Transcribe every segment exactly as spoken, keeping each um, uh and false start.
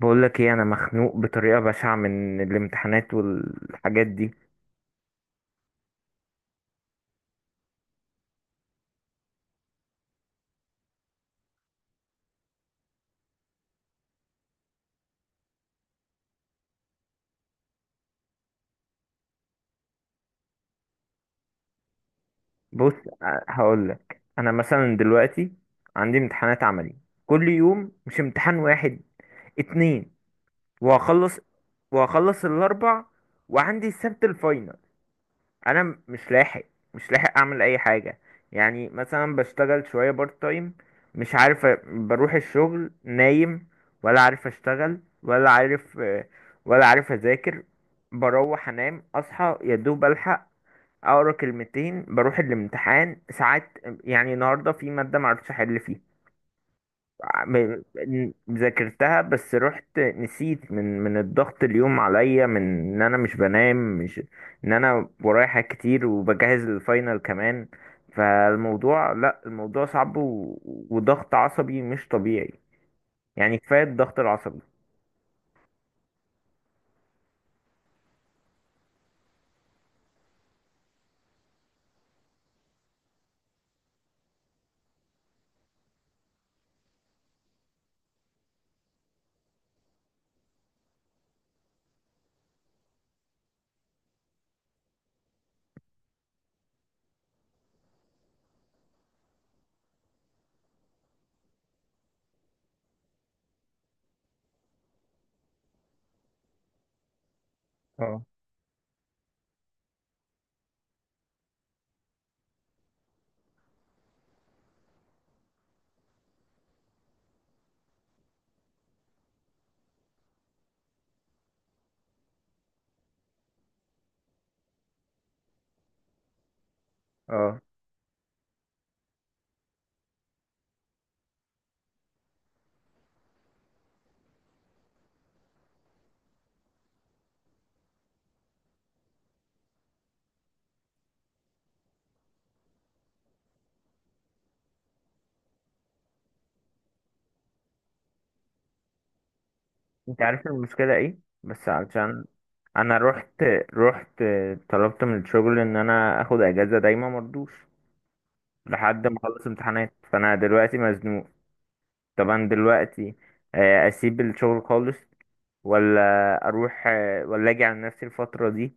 بقول لك ايه، انا مخنوق بطريقه بشعه من الامتحانات والحاجات دي. بص، هقول لك انا مثلا دلوقتي عندي امتحانات عملي، كل يوم مش امتحان واحد، اتنين. وهخلص، وهخلص الاربع، وعندي السبت الفاينل. انا م- مش لاحق، مش لاحق اعمل اي حاجه. يعني مثلا بشتغل شويه بارت تايم، مش عارف. أ- بروح الشغل نايم، ولا عارف اشتغل، ولا عارف، آه، ولا عارف اذاكر. بروح انام، اصحى يا دوب الحق اقرا كلمتين، بروح الامتحان. ساعات يعني النهارده في ماده معرفتش احل فيها. م- ذاكرتها بس رحت نسيت من من الضغط اليوم عليا، من ان انا مش بنام، مش ان انا ورايا حاجات كتير وبجهز للفاينل كمان. فالموضوع، لا الموضوع صعب و... وضغط عصبي مش طبيعي. يعني كفاية الضغط العصبي. اه، اه، انت عارف المشكلة ايه بس؟ علشان انا رحت رحت طلبت من الشغل ان انا اخد اجازة دايما، مرضوش لحد ما اخلص امتحانات. فانا دلوقتي مزنوق. طبعا دلوقتي آه، اسيب الشغل خالص، ولا اروح، ولا اجي على نفسي الفترة دي.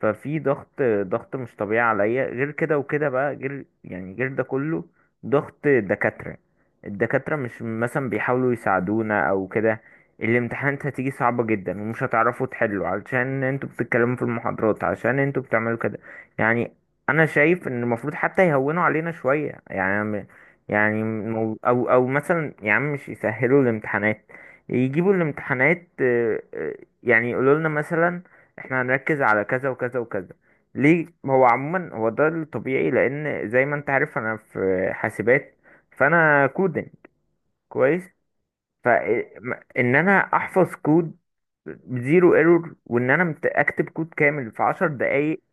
ففي ضغط، ضغط مش طبيعي عليا، غير كده وكده بقى، غير يعني غير ده كله، ضغط دكاترة. الدكاترة مش مثلا بيحاولوا يساعدونا او كده. الامتحانات هتيجي صعبة جدا ومش هتعرفوا تحلوا، علشان انتوا بتتكلموا في المحاضرات، عشان انتوا بتعملوا كده. يعني انا شايف ان المفروض حتى يهونوا علينا شوية يعني. يعني مو- او او مثلا، يا عم مش يسهلوا الامتحانات، يجيبوا الامتحانات، آه، آه، يعني يقولوا لنا مثلا احنا هنركز على كذا وكذا وكذا. ليه؟ هو عموما هو ده الطبيعي، لان زي ما انت عارف انا في حاسبات، فانا كودنج كويس. فان انا احفظ كود بزيرو ايرور، وان انا مت- اكتب كود كامل في عشر دقايق،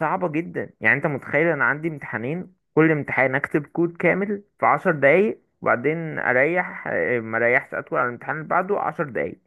صعبة جدا. يعني انت متخيل انا عندي امتحانين، كل امتحان اكتب كود كامل في عشر دقايق، وبعدين اريح، آه، ما اريحش، اطول على الامتحان اللي بعده عشر دقايق.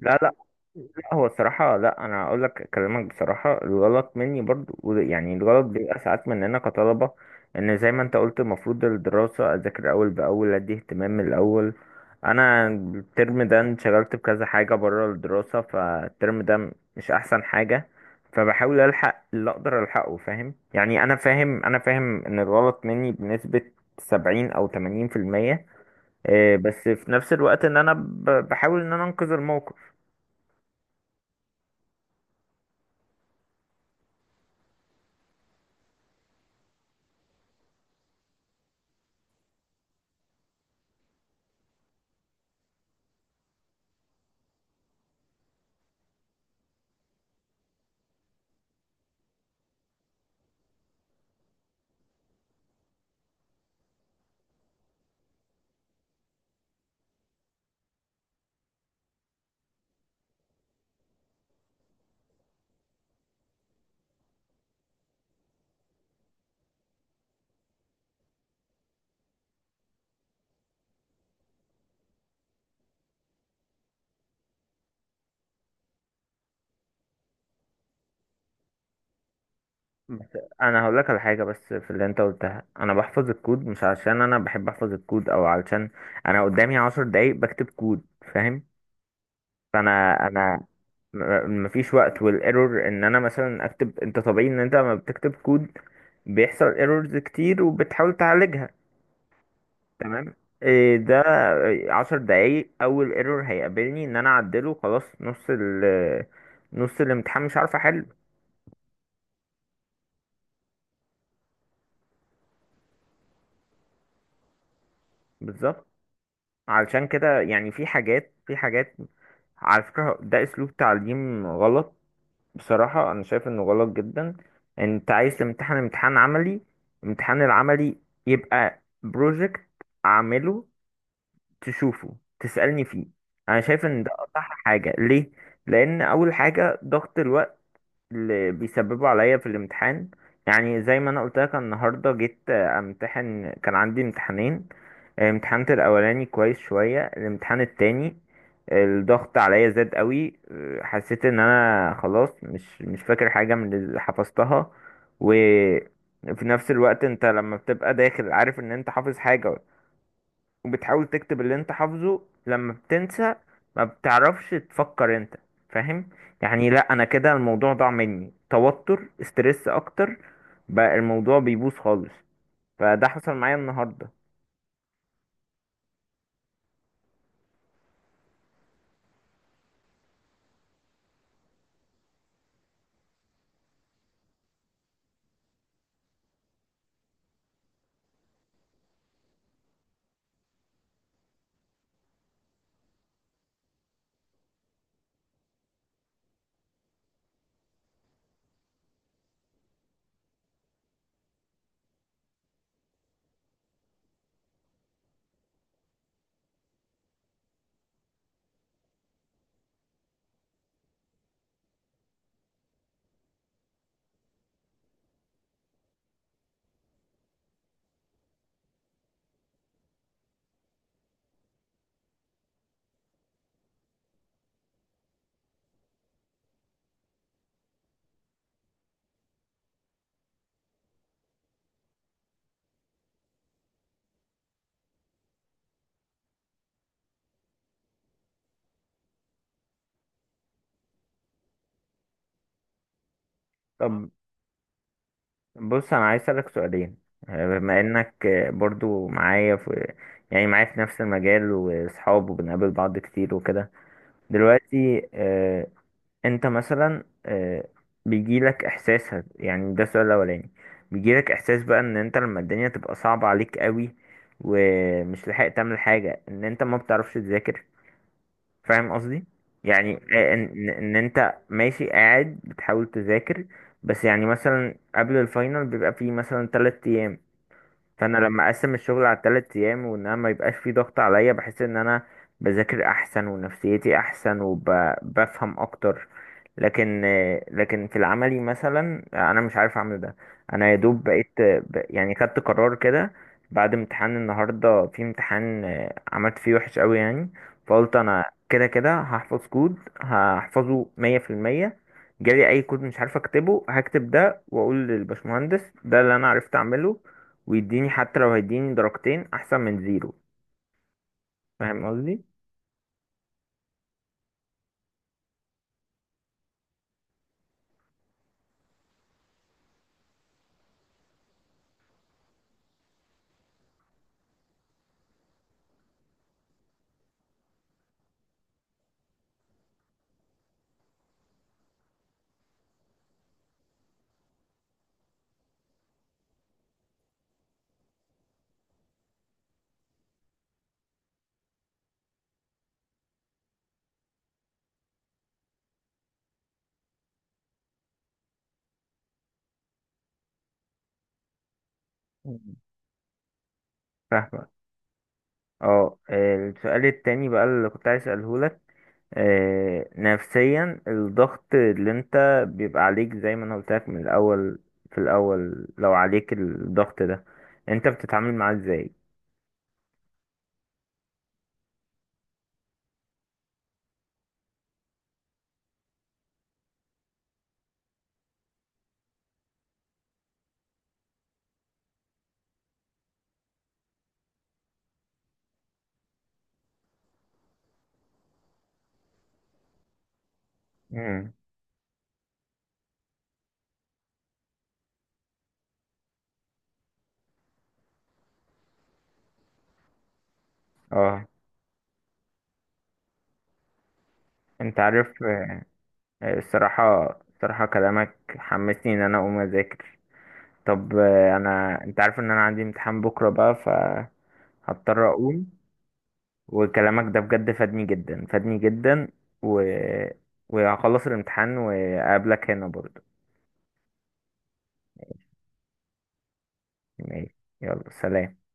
لا، لا، لا، هو الصراحة، لا، أنا أقول لك، أكلمك بصراحة، الغلط مني برضو. وده- يعني الغلط بيبقى ساعات مننا كطلبة. إن زي ما أنت قلت، المفروض الدراسة أذاكر أول بأول، أدي اهتمام من الأول. أنا الترم ده انشغلت بكذا حاجة برا الدراسة، فالترم ده مش أحسن حاجة. فبحاول ألحق اللي أقدر ألحقه، فاهم يعني؟ أنا فاهم، أنا فاهم إن الغلط مني بنسبة سبعين أو تمانين في المية، آه، بس في نفس الوقت إن أنا ب- بحاول إن أنا أنقذ الموقف. بس انا هقول لك على حاجه بس في اللي انت قلتها. انا بحفظ الكود مش عشان انا بحب احفظ الكود، او علشان انا قدامي عشر دقايق بكتب كود. فاهم؟ فانا انا م- مفيش وقت. والايرور ان انا مثلا اكتب، انت طبيعي ان انت لما بتكتب كود بيحصل ايرورز كتير، وبتحاول تعالجها. تمام؟ إيه ده، عشر دقايق؟ اول ايرور هيقابلني ان انا اعدله، خلاص نص ال، نص الامتحان مش عارف احله. بالظبط. علشان كده يعني في حاجات في حاجات على فكرة، ده أسلوب تعليم غلط. بصراحة أنا شايف إنه غلط جدا. أنت عايز تمتحن امتحان عملي، امتحان العملي يبقى بروجكت، أعمله، تشوفه، تسألني فيه. أنا شايف إن ده أصح حاجة. ليه؟ لأن أول حاجة ضغط الوقت اللي بيسببوا عليا في الامتحان. يعني زي ما انا قلت لك، أنا النهارده جيت آه، امتحن، كان عندي امتحانين. امتحان الاولاني كويس شويه، الامتحان التاني الضغط عليا زاد قوي، آه، حسيت ان انا خلاص مش مش فاكر حاجه من اللي حفظتها. وفي نفس الوقت انت لما بتبقى داخل عارف ان انت حافظ حاجه، وبتحاول تكتب اللي انت حافظه، لما بتنسى ما بتعرفش تفكر انت، فاهم؟ يعني لا، انا كده الموضوع ضاع مني، توتر استرس اكتر، بقى الموضوع بيبوظ خالص. فده حصل معايا النهارده. طب بص، انا عايز اسالك سؤالين، آه، بما انك آه، برضو معايا في يعني معايا في نفس المجال، واصحاب، وبنقابل بعض كتير وكده. دلوقتي آه، انت مثلا، آه، بيجيلك احساس هت- يعني ده السؤال الاولاني، بيجيلك احساس بقى ان انت لما الدنيا تبقى صعبة عليك قوي، ومش لحق تعمل حاجة، ان انت ما بتعرفش تذاكر؟ فاهم قصدي؟ يعني آه، ان ان إن انت ماشي قاعد بتحاول تذاكر، بس يعني مثلا قبل الفاينل بيبقى فيه مثلا تلات ايام. فانا لما اقسم الشغل على ثلاث ايام، وان انا ما يبقاش في ضغط عليا، بحس ان انا بذاكر احسن، ونفسيتي احسن، وبفهم اكتر. لكن، لكن في العملي مثلا انا مش عارف اعمل ده. انا يا دوب بقيت ب- يعني خدت قرار كده بعد امتحان النهارده، في امتحان عملت فيه وحش قوي يعني، فقلت انا كده كده هحفظ كود، هحفظه مية في المية، جالي اي كود مش عارف اكتبه هكتب ده، واقول للبشمهندس ده اللي انا عرفت اعمله، ويديني حتى لو هيديني درجتين احسن من زيرو. فاهم قصدي؟ مم. فاهمك. اه، السؤال التاني بقى اللي كنت عايز اساله لك، آه، نفسيا الضغط اللي انت بيبقى عليك، زي ما انا قلت لك من الاول، في الاول لو عليك الضغط ده، انت بتتعامل معاه ازاي؟ امم اه، انت عارف، آه، الصراحة، الصراحة كلامك حمسني ان انا اقوم اذاكر. طب آه، انا انت عارف ان انا عندي امتحان بكرة بقى، فهضطر اقوم. وكلامك ده بجد فادني جدا، فادني جدا و... وهخلص الامتحان وأقابلك هنا برضو. ماشي، يلا سلام.